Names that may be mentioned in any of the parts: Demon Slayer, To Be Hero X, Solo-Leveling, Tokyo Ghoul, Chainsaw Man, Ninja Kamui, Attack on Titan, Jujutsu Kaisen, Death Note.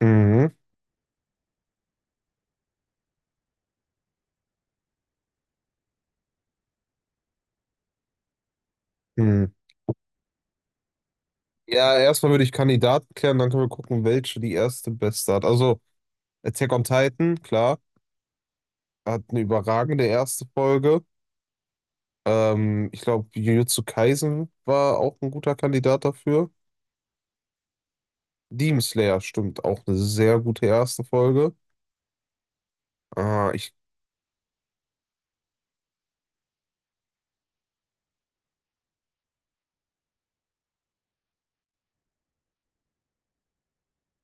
Mhm. Mhm. Ja, erstmal würde ich Kandidaten klären, dann können wir gucken, welche die erste beste hat. Also Attack on Titan, klar, hat eine überragende erste Folge. Ich glaube, Jujutsu Kaisen war auch ein guter Kandidat dafür. Demon Slayer, stimmt, auch eine sehr gute erste Folge. Ah, ich,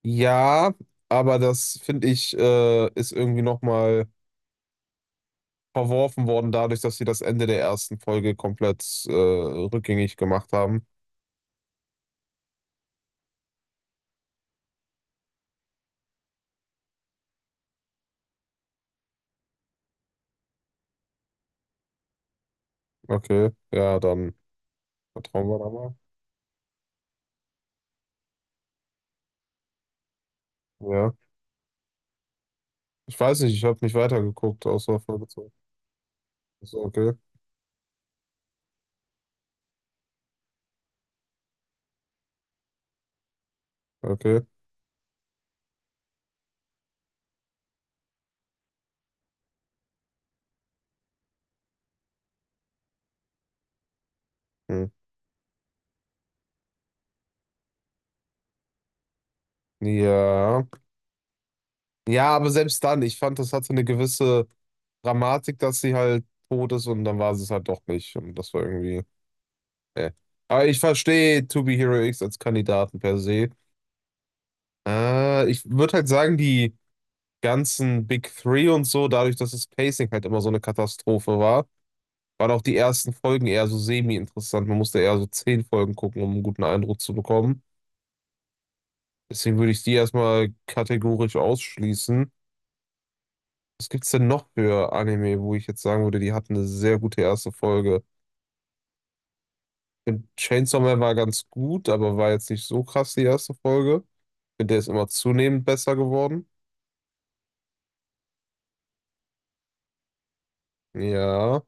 ja, aber das finde ich, ist irgendwie nochmal verworfen worden, dadurch, dass sie das Ende der ersten Folge komplett rückgängig gemacht haben. Okay, ja, dann. Vertrauen wir da mal. Ja. Ich weiß nicht, ich habe nicht weitergeguckt, außer Folge 2. So, okay, okay. Hm. Ja. Ja, aber selbst dann, ich fand, das hatte eine gewisse Dramatik, dass sie halt tot ist und dann war sie es halt doch nicht. Und das war irgendwie. Äh. Aber ich verstehe To Be Hero X als Kandidaten per se. Ich würde halt sagen, die ganzen Big Three und so, dadurch, dass das Pacing halt immer so eine Katastrophe war, waren auch die ersten Folgen eher so semi-interessant. Man musste eher so 10 Folgen gucken, um einen guten Eindruck zu bekommen. Deswegen würde ich die erstmal kategorisch ausschließen. Was gibt's denn noch für Anime, wo ich jetzt sagen würde, die hatten eine sehr gute erste Folge? Ich finde, Chainsaw Man war ganz gut, aber war jetzt nicht so krass die erste Folge. Ich finde, der ist immer zunehmend besser geworden. Ja,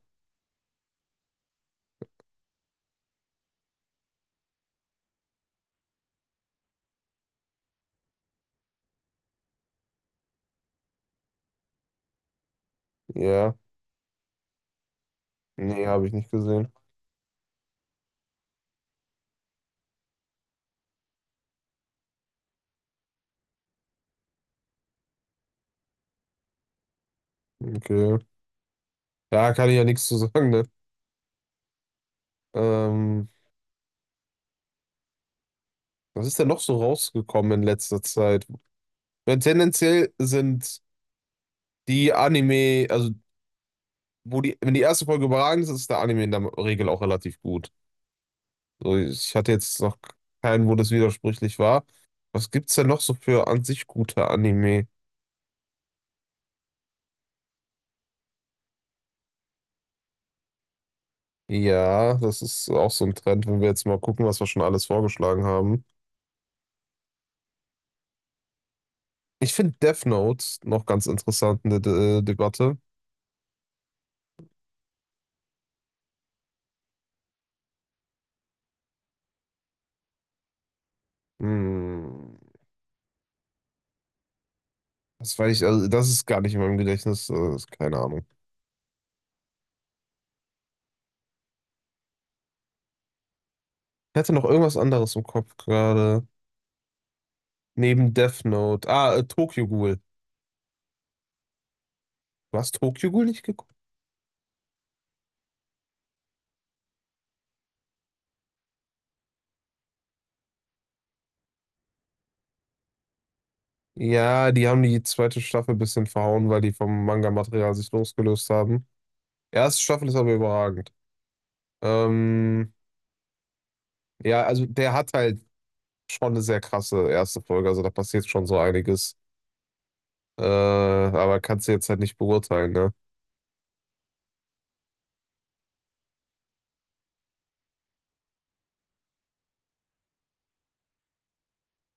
ja. Nee, habe ich nicht gesehen. Okay. Da kann ich ja nichts zu sagen, ne? Ähm, was ist denn noch so rausgekommen in letzter Zeit? Weil tendenziell sind die Anime, also wo die, wenn die erste Folge überragend ist, ist der Anime in der Regel auch relativ gut. So, ich hatte jetzt noch keinen, wo das widersprüchlich war. Was gibt's denn noch so für an sich gute Anime? Ja, das ist auch so ein Trend, wenn wir jetzt mal gucken, was wir schon alles vorgeschlagen haben. Ich finde Death Note noch ganz interessant in der De Debatte. Hm, das weiß ich, also das ist gar nicht in meinem Gedächtnis, keine Ahnung. Ich hatte noch irgendwas anderes im Kopf gerade. Neben Death Note. Tokyo Ghoul. Du hast Tokyo Ghoul nicht geguckt? Ja, die haben die zweite Staffel ein bisschen verhauen, weil die vom Manga-Material sich losgelöst haben. Erste Staffel ist aber überragend. Ähm, ja, also der hat halt schon eine sehr krasse erste Folge, also da passiert schon so einiges. Aber kannst du jetzt halt nicht beurteilen, ne?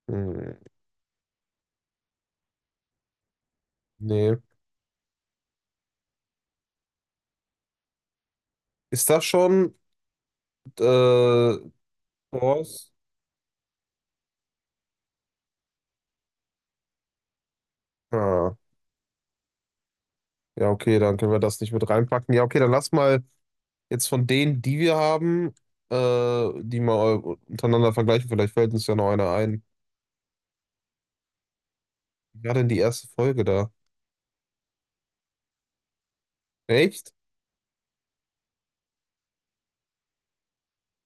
Hm, nee. Ist das schon äh, Thor's? Ah, ja, okay, dann können wir das nicht mit reinpacken. Ja, okay, dann lass mal. Jetzt von denen, die wir haben, die mal untereinander vergleichen, vielleicht fällt uns ja noch einer ein. Wie war denn die erste Folge da? Echt?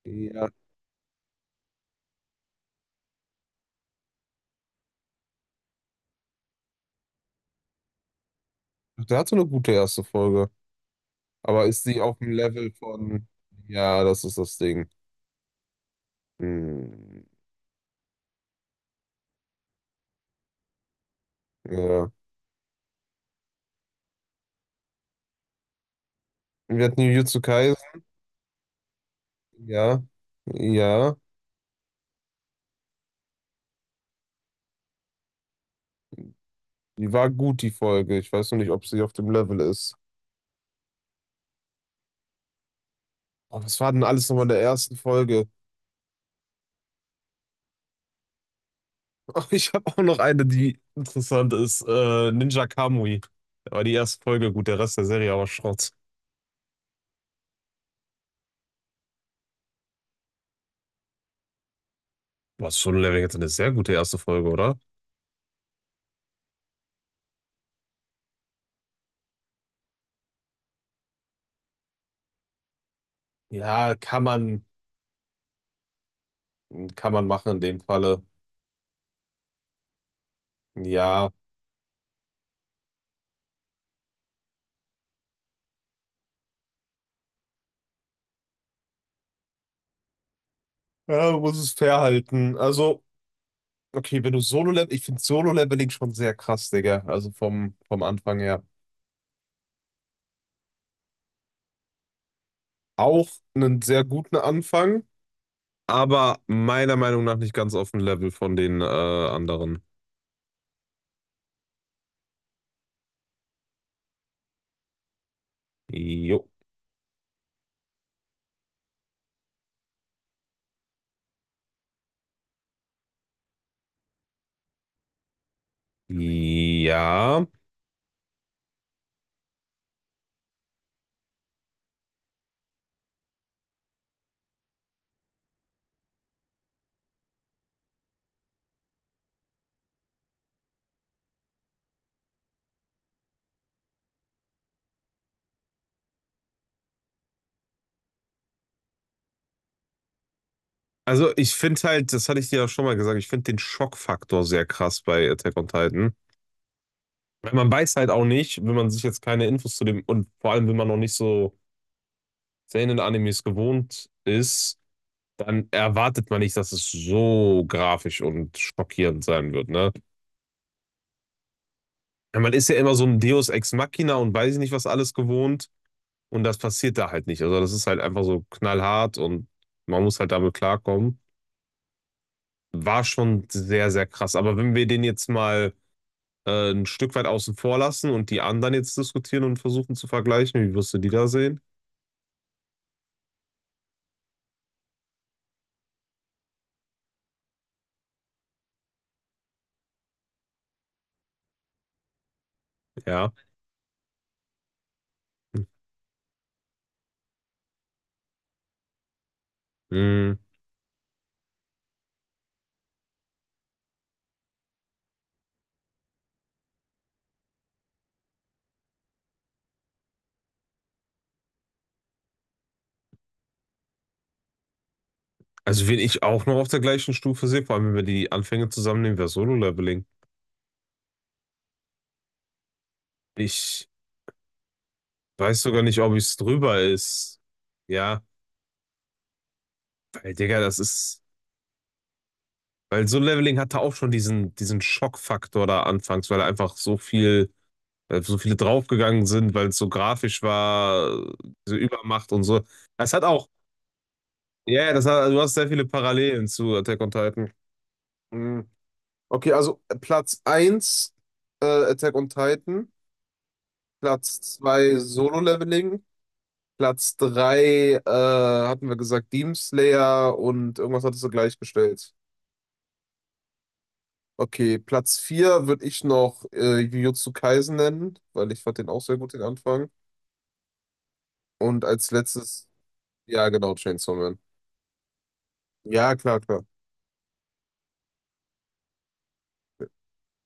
Ja. Der hatte eine gute erste Folge. Aber ist sie auf dem Level von. Ja, das ist das Ding. Hm, ja. Wir hatten Jujutsu Kaisen. Ja. Ja. Die war gut, die Folge. Ich weiß nur nicht, ob sie auf dem Level ist. Oh, was war denn alles nochmal in der ersten Folge? Oh, ich habe auch noch eine, die interessant ist. Ninja Kamui. Da war die erste Folge gut, der Rest der Serie aber Schrott. Was schon Level jetzt eine sehr gute erste Folge, oder? Ja, kann man machen in dem Falle. Ja, ja, man muss es fair halten. Also, okay, wenn du Solo-Level, ich finde Solo-Leveling schon sehr krass, Digga. Also vom Anfang her. Auch einen sehr guten Anfang, aber meiner Meinung nach nicht ganz auf dem Level von den anderen. Jo. Ja. Also ich finde halt, das hatte ich dir ja schon mal gesagt, ich finde den Schockfaktor sehr krass bei Attack on Titan. Weil man weiß halt auch nicht, wenn man sich jetzt keine Infos zu dem, und vor allem, wenn man noch nicht so Seinen-Animes gewohnt ist, dann erwartet man nicht, dass es so grafisch und schockierend sein wird, ne? Weil man ist ja immer so ein Deus Ex Machina und weiß ich nicht, was alles gewohnt. Und das passiert da halt nicht. Also das ist halt einfach so knallhart und man muss halt damit klarkommen. War schon sehr, sehr krass. Aber wenn wir den jetzt mal ein Stück weit außen vor lassen und die anderen jetzt diskutieren und versuchen zu vergleichen. Wie wirst du die da sehen? Ja. Mm. Also, wen ich auch noch auf der gleichen Stufe sehe, vor allem wenn wir die Anfänge zusammennehmen, wäre Solo-Leveling. Ich weiß sogar nicht, ob es drüber ist. Ja, weil, Digga, das ist. Weil Solo-Leveling hatte auch schon diesen, diesen Schockfaktor da anfangs, weil einfach so viel, weil so viele draufgegangen sind, weil es so grafisch war, diese Übermacht und so. Das hat auch. Ja, ja, das hat, du hast sehr viele Parallelen zu Attack on Titan. Mhm. Okay, also Platz eins Attack on Titan, Platz 2 Solo-Leveling, Platz 3 hatten wir gesagt Demon Slayer und irgendwas hattest du gleichgestellt. Okay, Platz 4 würde ich noch Jujutsu Kaisen nennen, weil ich fand den auch sehr gut, den Anfang. Und als letztes, ja genau, Chainsaw Man. Ja, klar, klar.